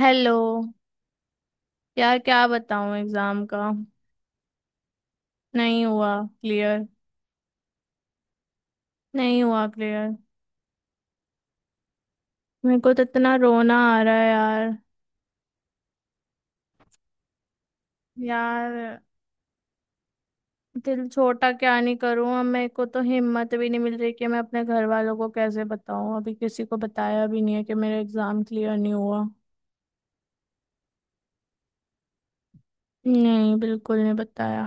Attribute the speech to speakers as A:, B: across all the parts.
A: Hello. यार क्या बताऊं एग्जाम का, नहीं हुआ क्लियर। नहीं हुआ क्लियर। मेरे को तो इतना रोना आ रहा है यार। यार दिल छोटा क्या नहीं करूं, अब मेरे को तो हिम्मत भी नहीं मिल रही कि मैं अपने घर वालों को कैसे बताऊं। अभी किसी को बताया भी नहीं है कि मेरा एग्जाम क्लियर नहीं हुआ। नहीं, बिल्कुल नहीं बताया।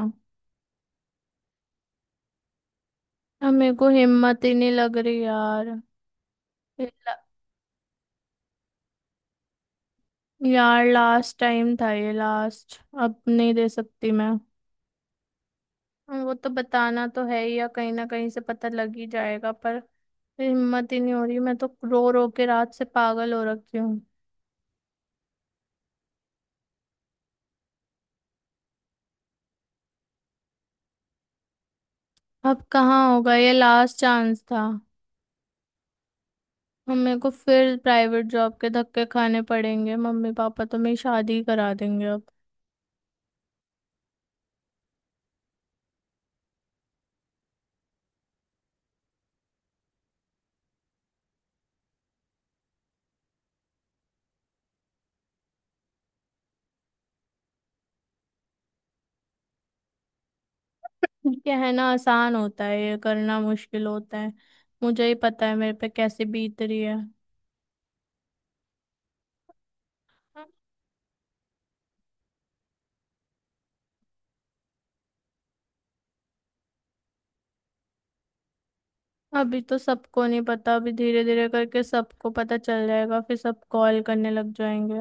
A: अब मेरे को हिम्मत ही नहीं लग रही यार। ये ला- यार लास्ट टाइम था ये, लास्ट अब नहीं दे सकती मैं। हाँ, वो तो बताना तो है ही, या कहीं ना कहीं से पता लग ही जाएगा, पर हिम्मत ही नहीं हो रही। मैं तो रो रो के रात से पागल हो रखी हूँ। अब कहाँ होगा, ये लास्ट चांस था। हम मेरे को फिर प्राइवेट जॉब के धक्के खाने पड़ेंगे। मम्मी पापा तो मेरी शादी ही करा देंगे अब। ये है ना, आसान होता है ये करना, मुश्किल होता है। मुझे ही पता है मेरे पे कैसे बीत रही है। अभी तो सबको नहीं पता, अभी धीरे धीरे करके सबको पता चल जाएगा, फिर सब कॉल करने लग जाएंगे।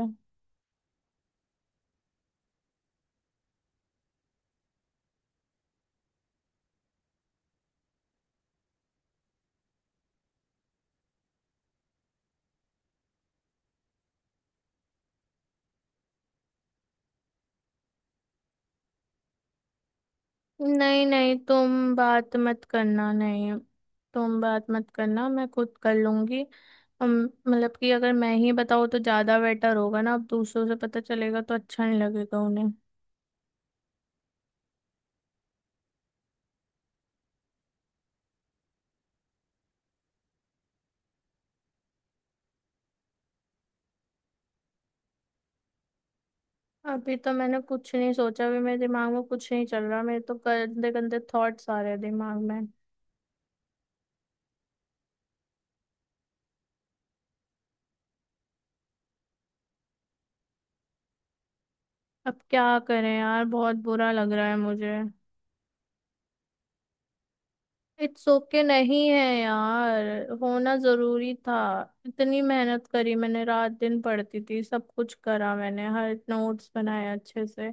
A: नहीं नहीं तुम बात मत करना नहीं, तुम बात मत करना, मैं खुद कर लूंगी। अम, मतलब कि अगर मैं ही बताऊँ तो ज्यादा बेटर होगा ना। अब दूसरों से पता चलेगा तो अच्छा नहीं लगेगा उन्हें। अभी तो मैंने कुछ नहीं सोचा भी, मेरे दिमाग में कुछ नहीं चल रहा, मेरे तो गंदे गंदे थॉट्स आ रहे हैं दिमाग में। अब क्या करें यार, बहुत बुरा लग रहा है मुझे। इट्स ओके नहीं है यार। होना जरूरी था। इतनी मेहनत करी मैंने, रात दिन पढ़ती थी, सब कुछ करा मैंने, हर नोट्स बनाए अच्छे से।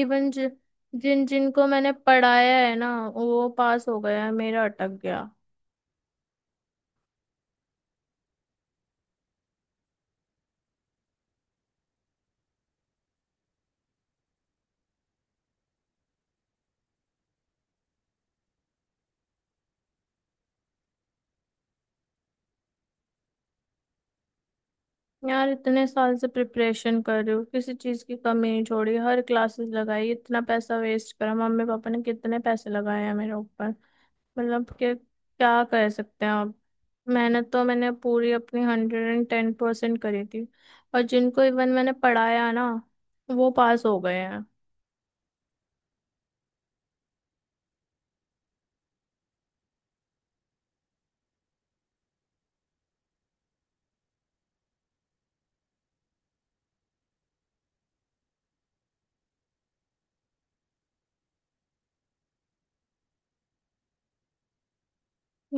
A: इवन जिन जिनको मैंने पढ़ाया है ना, वो पास हो गया है, मेरा अटक गया। यार इतने साल से प्रिपरेशन कर रही हूँ, किसी चीज की कमी नहीं छोड़ी, हर क्लासेस लगाई, इतना पैसा वेस्ट करा, मम्मी पापा ने कितने पैसे लगाए हैं मेरे ऊपर। मतलब कि क्या कर सकते हैं आप। मेहनत तो मैंने पूरी अपनी 110% करी थी। और जिनको इवन मैंने पढ़ाया ना, वो पास हो गए हैं।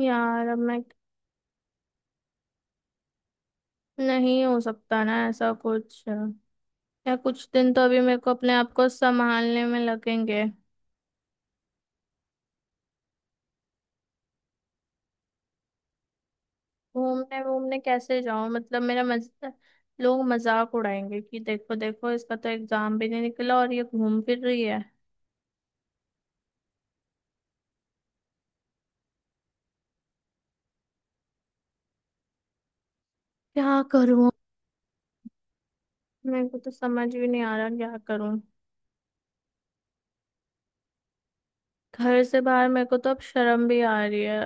A: यार अब मैं, नहीं हो सकता ना ऐसा कुछ। या कुछ दिन तो अभी मेरे को अपने आप को संभालने में लगेंगे। घूमने वूमने कैसे जाऊं, मतलब मेरा लोग मजाक उड़ाएंगे कि देखो देखो, इसका तो एग्जाम भी नहीं निकला और ये घूम फिर रही है। क्या करूं, मेरे को तो समझ भी नहीं आ रहा क्या करूं। घर से बाहर, मेरे को तो अब शर्म भी आ रही है।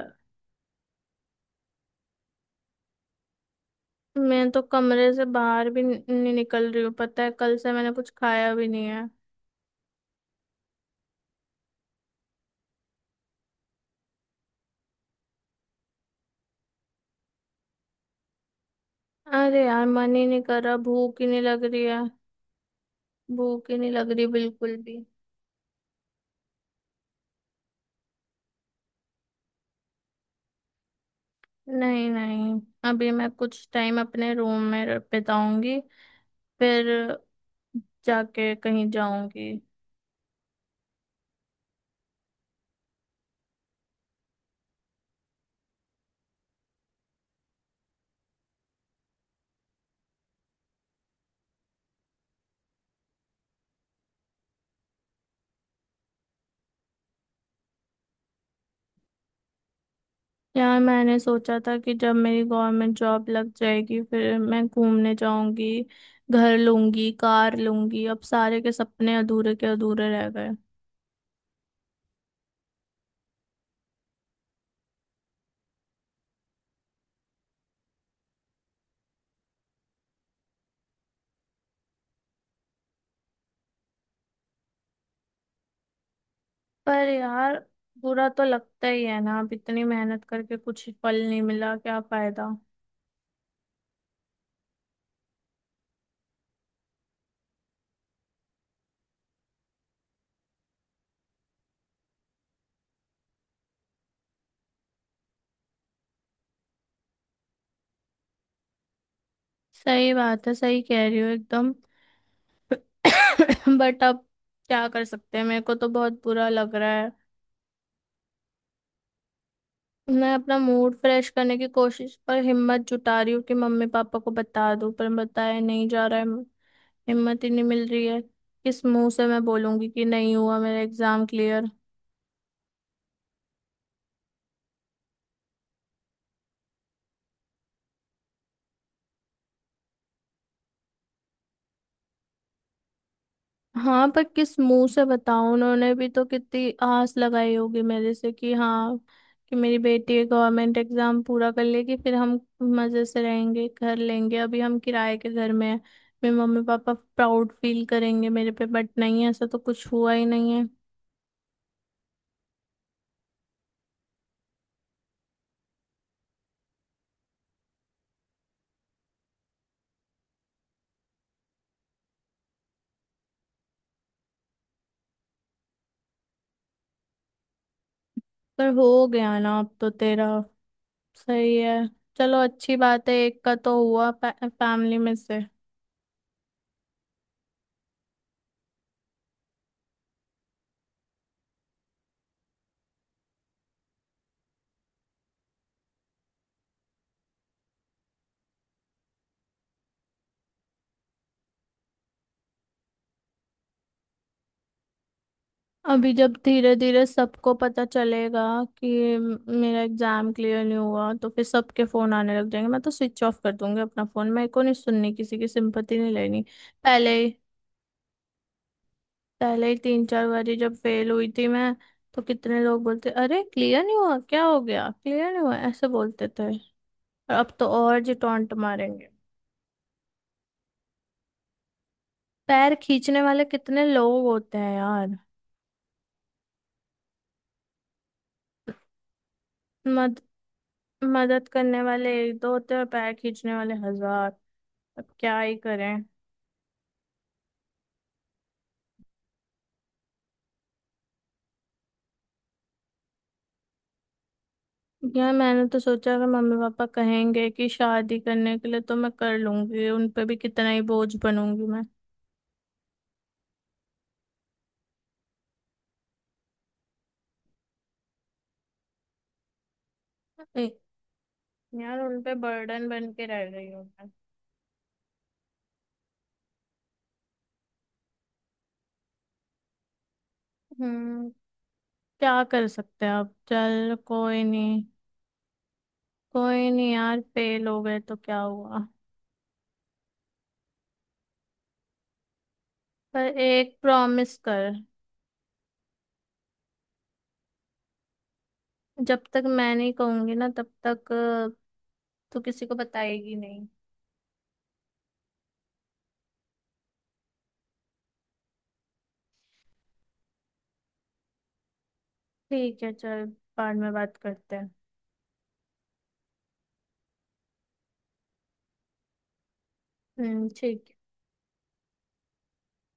A: मैं तो कमरे से बाहर भी नहीं निकल रही हूँ। पता है कल से मैंने कुछ खाया भी नहीं है। अरे यार मन ही नहीं कर रहा, भूख ही नहीं लग रही है। भूख ही नहीं लग रही बिल्कुल भी। नहीं नहीं, अभी मैं कुछ टाइम अपने रूम में बिताऊंगी। फिर जाके कहीं जाऊंगी। यार मैंने सोचा था कि जब मेरी गवर्नमेंट जॉब लग जाएगी, फिर मैं घूमने जाऊंगी, घर लूंगी, कार लूंगी। अब सारे के सपने अधूरे के अधूरे रह गए। पर यार बुरा तो लगता ही है ना, अब इतनी मेहनत करके कुछ फल नहीं मिला, क्या फायदा। सही बात है, सही कह रही हो एकदम। बट अब क्या कर सकते हैं, मेरे को तो बहुत बुरा लग रहा है। मैं अपना मूड फ्रेश करने की कोशिश पर हिम्मत जुटा रही हूँ कि मम्मी पापा को बता दूं, पर बताया नहीं जा रहा है। हिम्मत ही नहीं मिल रही है। किस मुंह से मैं बोलूंगी कि नहीं हुआ मेरा एग्जाम क्लियर। हाँ, पर किस मुंह से बताऊं, उन्होंने भी तो कितनी आस लगाई होगी मेरे से कि हाँ, कि मेरी बेटी गवर्नमेंट एग्जाम पूरा कर लेगी, फिर हम मजे से रहेंगे, घर लेंगे, अभी हम किराए के घर में हैं। मेरे मम्मी पापा प्राउड फील करेंगे मेरे पे, बट नहीं, ऐसा तो कुछ हुआ ही नहीं है। पर हो गया ना अब तो तेरा। सही है। चलो अच्छी बात है, एक का तो हुआ फैमिली में से। अभी जब धीरे धीरे सबको पता चलेगा कि मेरा एग्जाम क्लियर नहीं हुआ, तो फिर सबके फोन आने लग जाएंगे। मैं तो स्विच ऑफ कर दूंगी अपना फोन, मेरे को नहीं सुननी किसी की सिंपत्ति, नहीं लेनी। पहले ही पहले ही तीन चार बारी जब फेल हुई थी मैं, तो कितने लोग बोलते, अरे क्लियर नहीं हुआ, क्या हो गया क्लियर नहीं हुआ, ऐसे बोलते थे। और अब तो और जी टॉन्ट मारेंगे। पैर खींचने वाले कितने लोग होते हैं यार। मद मदद करने वाले एक दो होते हैं और पैर खींचने वाले हजार। अब क्या ही करें। यार मैंने तो सोचा अगर मम्मी पापा कहेंगे कि शादी करने के लिए, तो मैं कर लूंगी। उन पे भी कितना ही बोझ बनूंगी मैं। ए, यार उन पे बर्डन बन के रह रही हूँ मैं। हम्म, क्या कर सकते हैं अब, चल कोई नहीं। कोई नहीं यार, फेल हो गए तो क्या हुआ। पर एक प्रॉमिस कर, जब तक मैं नहीं कहूंगी ना तब तक तू किसी को बताएगी नहीं। ठीक है, चल बाद में बात करते हैं। हम्म, ठीक है।